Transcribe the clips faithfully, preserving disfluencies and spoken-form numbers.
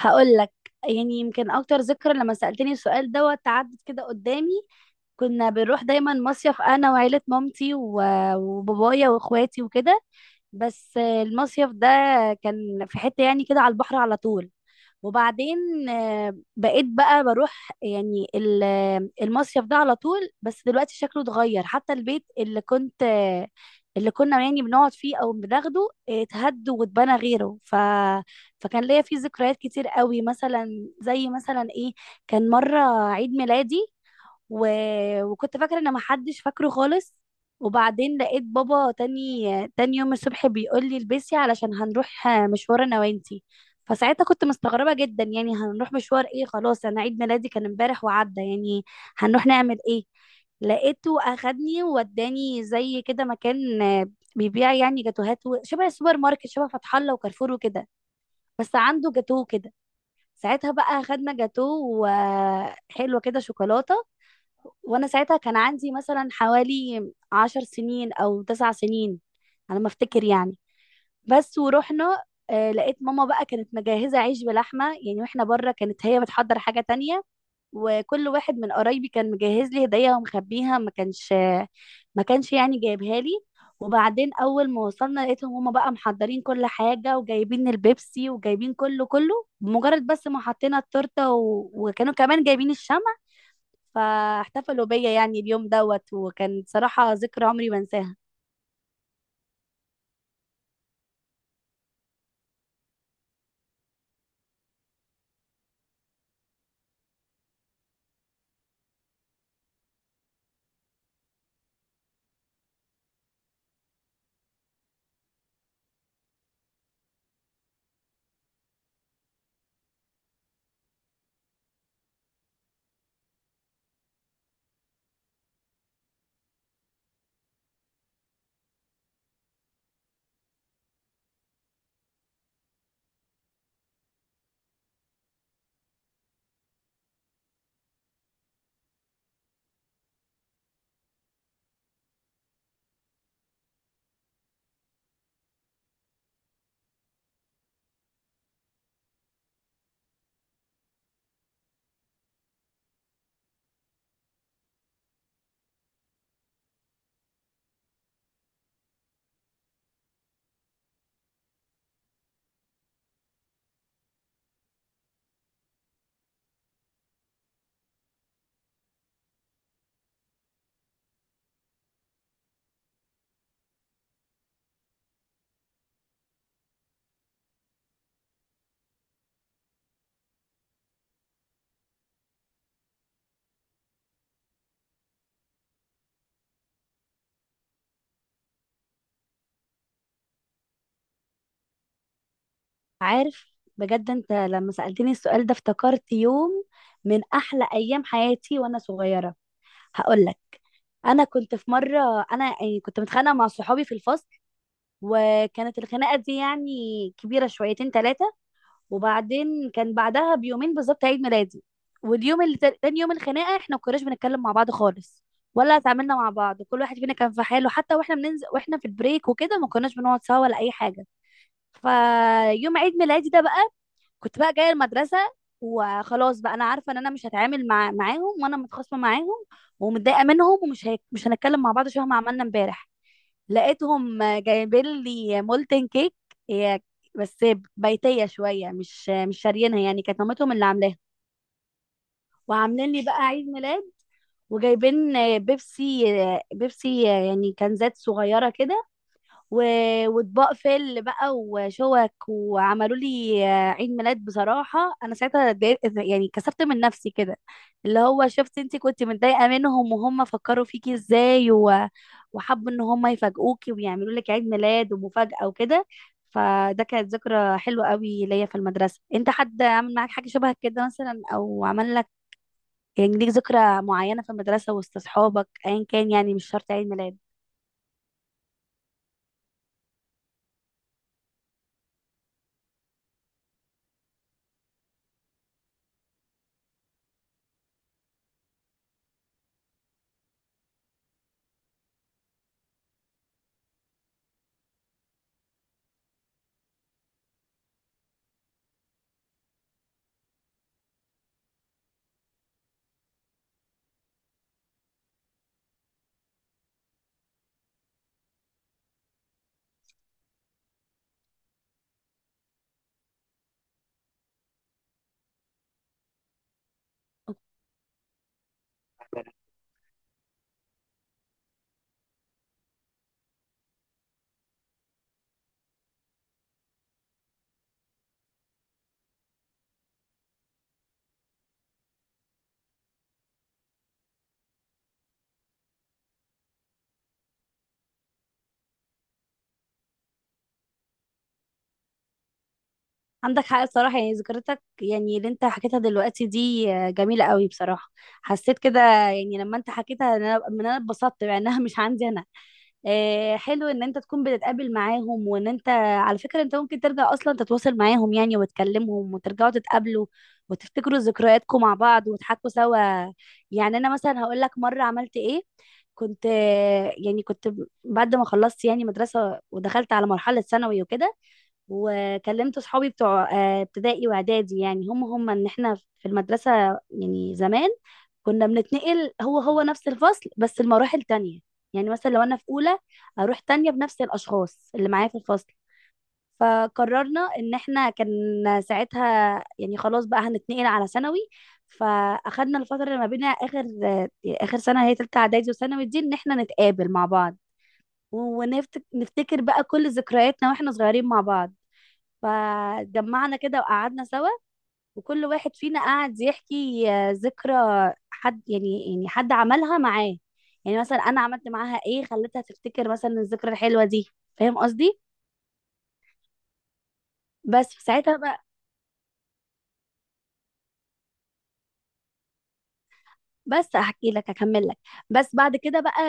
هقول لك. يعني يمكن اكتر ذكرى لما سألتني السؤال دوت عدت كده قدامي. كنا بنروح دايما مصيف انا وعيلة مامتي و- وبابايا واخواتي وكده. بس المصيف ده كان في حتة يعني كده على البحر على طول. وبعدين آه، بقيت بقى بروح يعني ال- آه، المصيف ده على طول. بس دلوقتي شكله اتغير، حتى البيت اللي كنت آه، اللي كنا يعني بنقعد فيه او بناخده آه، اتهد واتبنى غيره ف... فكان ليا فيه ذكريات كتير قوي. مثلا زي مثلا ايه؟ كان مرة عيد ميلادي و... وكنت فاكره ان محدش فاكره خالص. وبعدين لقيت بابا تاني تاني يوم الصبح بيقول لي البسي علشان هنروح مشوار انا وانتي. فساعتها كنت مستغربه جدا، يعني هنروح مشوار ايه؟ خلاص انا عيد ميلادي كان امبارح وعدى، يعني هنروح نعمل ايه؟ لقيته اخدني ووداني زي كده مكان آه، بيبيع يعني جاتوهات و- شبه السوبر ماركت شبه فتح الله وكارفور وكده. بس عنده جاتوه كده. ساعتها بقى اخدنا جاتوه وحلوه كده شوكولاته. وانا ساعتها كان عندي مثلا حوالي عشر سنين او تسع سنين، على ما افتكر يعني. بس ورحنا. آه، لقيت ماما بقى كانت مجهزة عيش بلحمة، يعني واحنا بره كانت هي بتحضر حاجة تانية. وكل واحد من قرايبي كان مجهز لي هدية ومخبيها، ما كانش ما كانش يعني جايبها لي. وبعدين اول ما وصلنا لقيتهم هما بقى محضرين كل حاجة وجايبين البيبسي وجايبين كله كله. بمجرد بس ما حطينا التورتة و... وكانوا كمان جايبين الشمع، فاحتفلوا بيا يعني اليوم دوت وكان صراحة ذكرى عمري ما انساها. عارف بجد؟ انت لما سألتني السؤال ده افتكرت يوم من احلى ايام حياتي وانا صغيرة. هقول لك. انا كنت في مرة، انا يعني كنت متخانقة مع صحابي في الفصل. وكانت الخناقة دي يعني كبيرة شويتين ثلاثة. وبعدين كان بعدها بيومين بالظبط عيد ميلادي. واليوم اللي تا- تاني يوم الخناقه احنا ما كناش بنتكلم مع بعض خالص، ولا اتعاملنا مع بعض. كل واحد فينا كان في حاله، حتى واحنا بننزل واحنا في البريك وكده ما كناش بنقعد سوا ولا اي حاجه. فيوم عيد ميلادي ده بقى كنت بقى جايه المدرسه، وخلاص بقى انا عارفه ان انا مش هتعامل مع معاهم وانا متخاصمه معاهم ومتضايقه منهم، ومش هيك مش هنتكلم مع بعض شبه ما عملنا امبارح. لقيتهم جايبين لي مولتن كيك. هي بس بيتيه شويه، مش مش شاريينها يعني، كانت مامتهم اللي عاملاها. وعاملين لي بقى عيد ميلاد، وجايبين بيبسي. بيبسي يعني كنزات صغيره كده. و... واطباق فل بقى وشوك وعملوا لي آه، عيد ميلاد. بصراحه انا ساعتها اتضايقت، يعني كسرت من نفسي كده. اللي هو شفت انت كنت متضايقه منهم وهم فكروا فيكي ازاي، و... وحبوا ان هم يفاجئوكي ويعملوا لك عيد ميلاد ومفاجاه وكده. فده كانت ذكرى حلوه قوي ليا في المدرسه. انت حد عمل معاك حاجه شبه كده مثلا؟ او عمل لك يعني ليك ذكرى معينه في المدرسه وسط اصحابك ايا كان؟ يعني مش شرط عيد ميلاد. عندك حق بصراحة. يعني ذكرتك يعني اللي انت حكيتها دلوقتي دي آه، جميلة قوي بصراحة. حسيت كده يعني لما انت حكيتها ان انا ان انا اتبسطت، مع انها مش عندي انا. آه، حلو ان انت تكون بتتقابل معاهم، وان انت على فكرة انت ممكن ترجع اصلا تتواصل معاهم يعني وتكلمهم وترجعوا تتقابلوا وتفتكروا ذكرياتكم مع بعض وتحكوا سوا. يعني انا مثلا هقول لك مرة عملت ايه. كنت آه، يعني كنت بعد ما خلصت يعني مدرسة ودخلت على مرحلة ثانوي وكده، وكلمت صحابي بتوع آه، ابتدائي واعدادي. يعني هم هم ان احنا في المدرسة يعني زمان كنا بنتنقل هو هو نفس الفصل بس المراحل تانية. يعني مثلا لو انا في اولى اروح تانية بنفس الاشخاص اللي معايا في الفصل. فقررنا ان احنا، كان ساعتها يعني خلاص بقى هنتنقل على ثانوي، فاخدنا الفترة اللي ما بينها اخر آه، اخر سنة هي تالتة اعدادي وثانوي دي، ان احنا نتقابل مع بعض ونفتكر بقى كل ذكرياتنا واحنا صغيرين مع بعض. فجمعنا كده وقعدنا سوا، وكل واحد فينا قعد يحكي آه، ذكرى حد، يعني يعني حد عملها معاه. يعني مثلا انا عملت معاها ايه خلتها تفتكر مثلا الذكرى الحلوه دي. فاهم قصدي؟ بس في ساعتها بقى، بس هحكي لك هكمل لك بس بعد كده بقى.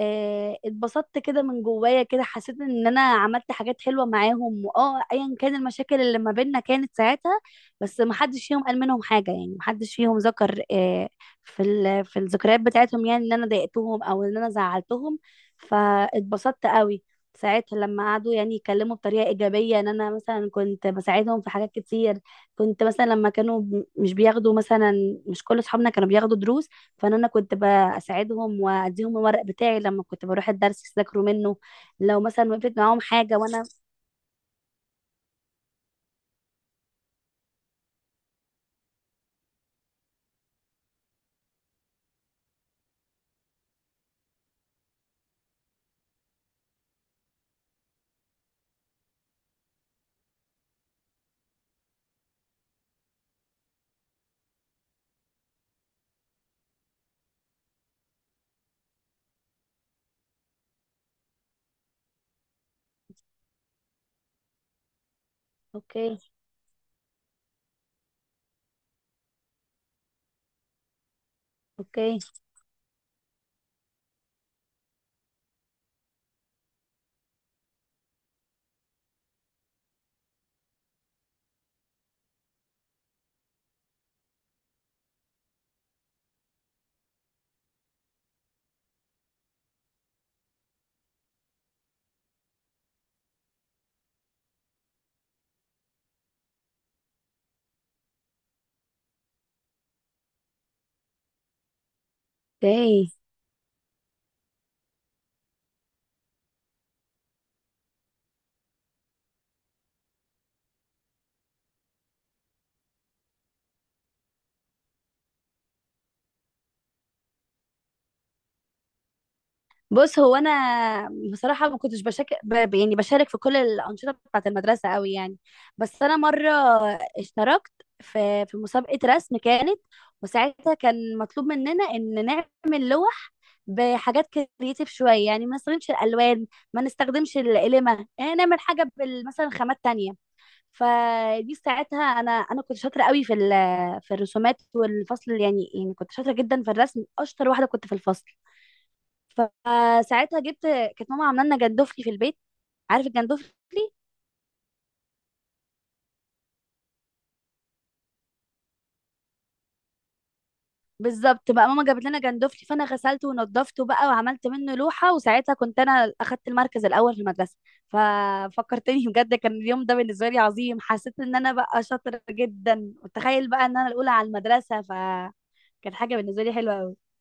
آه، اتبسطت كده من جوايا كده، حسيت ان انا عملت حاجات حلوه معاهم، واه ايا كان المشاكل اللي ما بيننا كانت ساعتها. بس ما حدش فيهم قال منهم حاجه، يعني ما حدش فيهم ذكر آه، في ال- في الذكريات بتاعتهم يعني ان انا ضايقتهم او ان انا زعلتهم. فاتبسطت قوي ساعتها لما قعدوا يعني يتكلموا بطريقه ايجابيه، ان انا مثلا كنت بساعدهم في حاجات كتير. كنت مثلا لما كانوا ب- مش بياخدوا مثلا، مش كل اصحابنا كانوا بياخدوا دروس. فانا أنا كنت بساعدهم واديهم الورق بتاعي لما كنت بروح الدرس يذاكروا منه. لو مثلا وقفت معاهم حاجه وانا. اوكي. اوكي. اوكي. بص هو انا بصراحه ما كنتش بشك... ب... يعني بشارك في كل الانشطه بتاعه المدرسه قوي يعني. بس انا مره اشتركت في في مسابقه رسم كانت، وساعتها كان مطلوب مننا ان نعمل لوح بحاجات كرييتيف شويه، يعني ما نستخدمش الالوان، ما نستخدمش القلمه، يعني نعمل حاجه بال... مثلا خامات تانية. فدي ساعتها انا انا كنت شاطره قوي في ال... في الرسومات والفصل، يعني يعني كنت شاطره جدا في الرسم، اشطر واحده كنت في الفصل. فساعتها جبت، كانت ماما عامله لنا جندفلي في البيت. عارف الجندفلي؟ بالظبط بقى ماما جابت لنا جندفلي، فانا غسلته ونضفته بقى وعملت منه لوحه. وساعتها كنت انا اخدت المركز الاول في المدرسه. ففكرتني بجد، كان اليوم ده بالنسبه لي عظيم. حسيت ان انا بقى شاطره جدا، وتخيل بقى ان انا الاولى على المدرسه. فكانت حاجه بالنسبه لي حلوه قوي.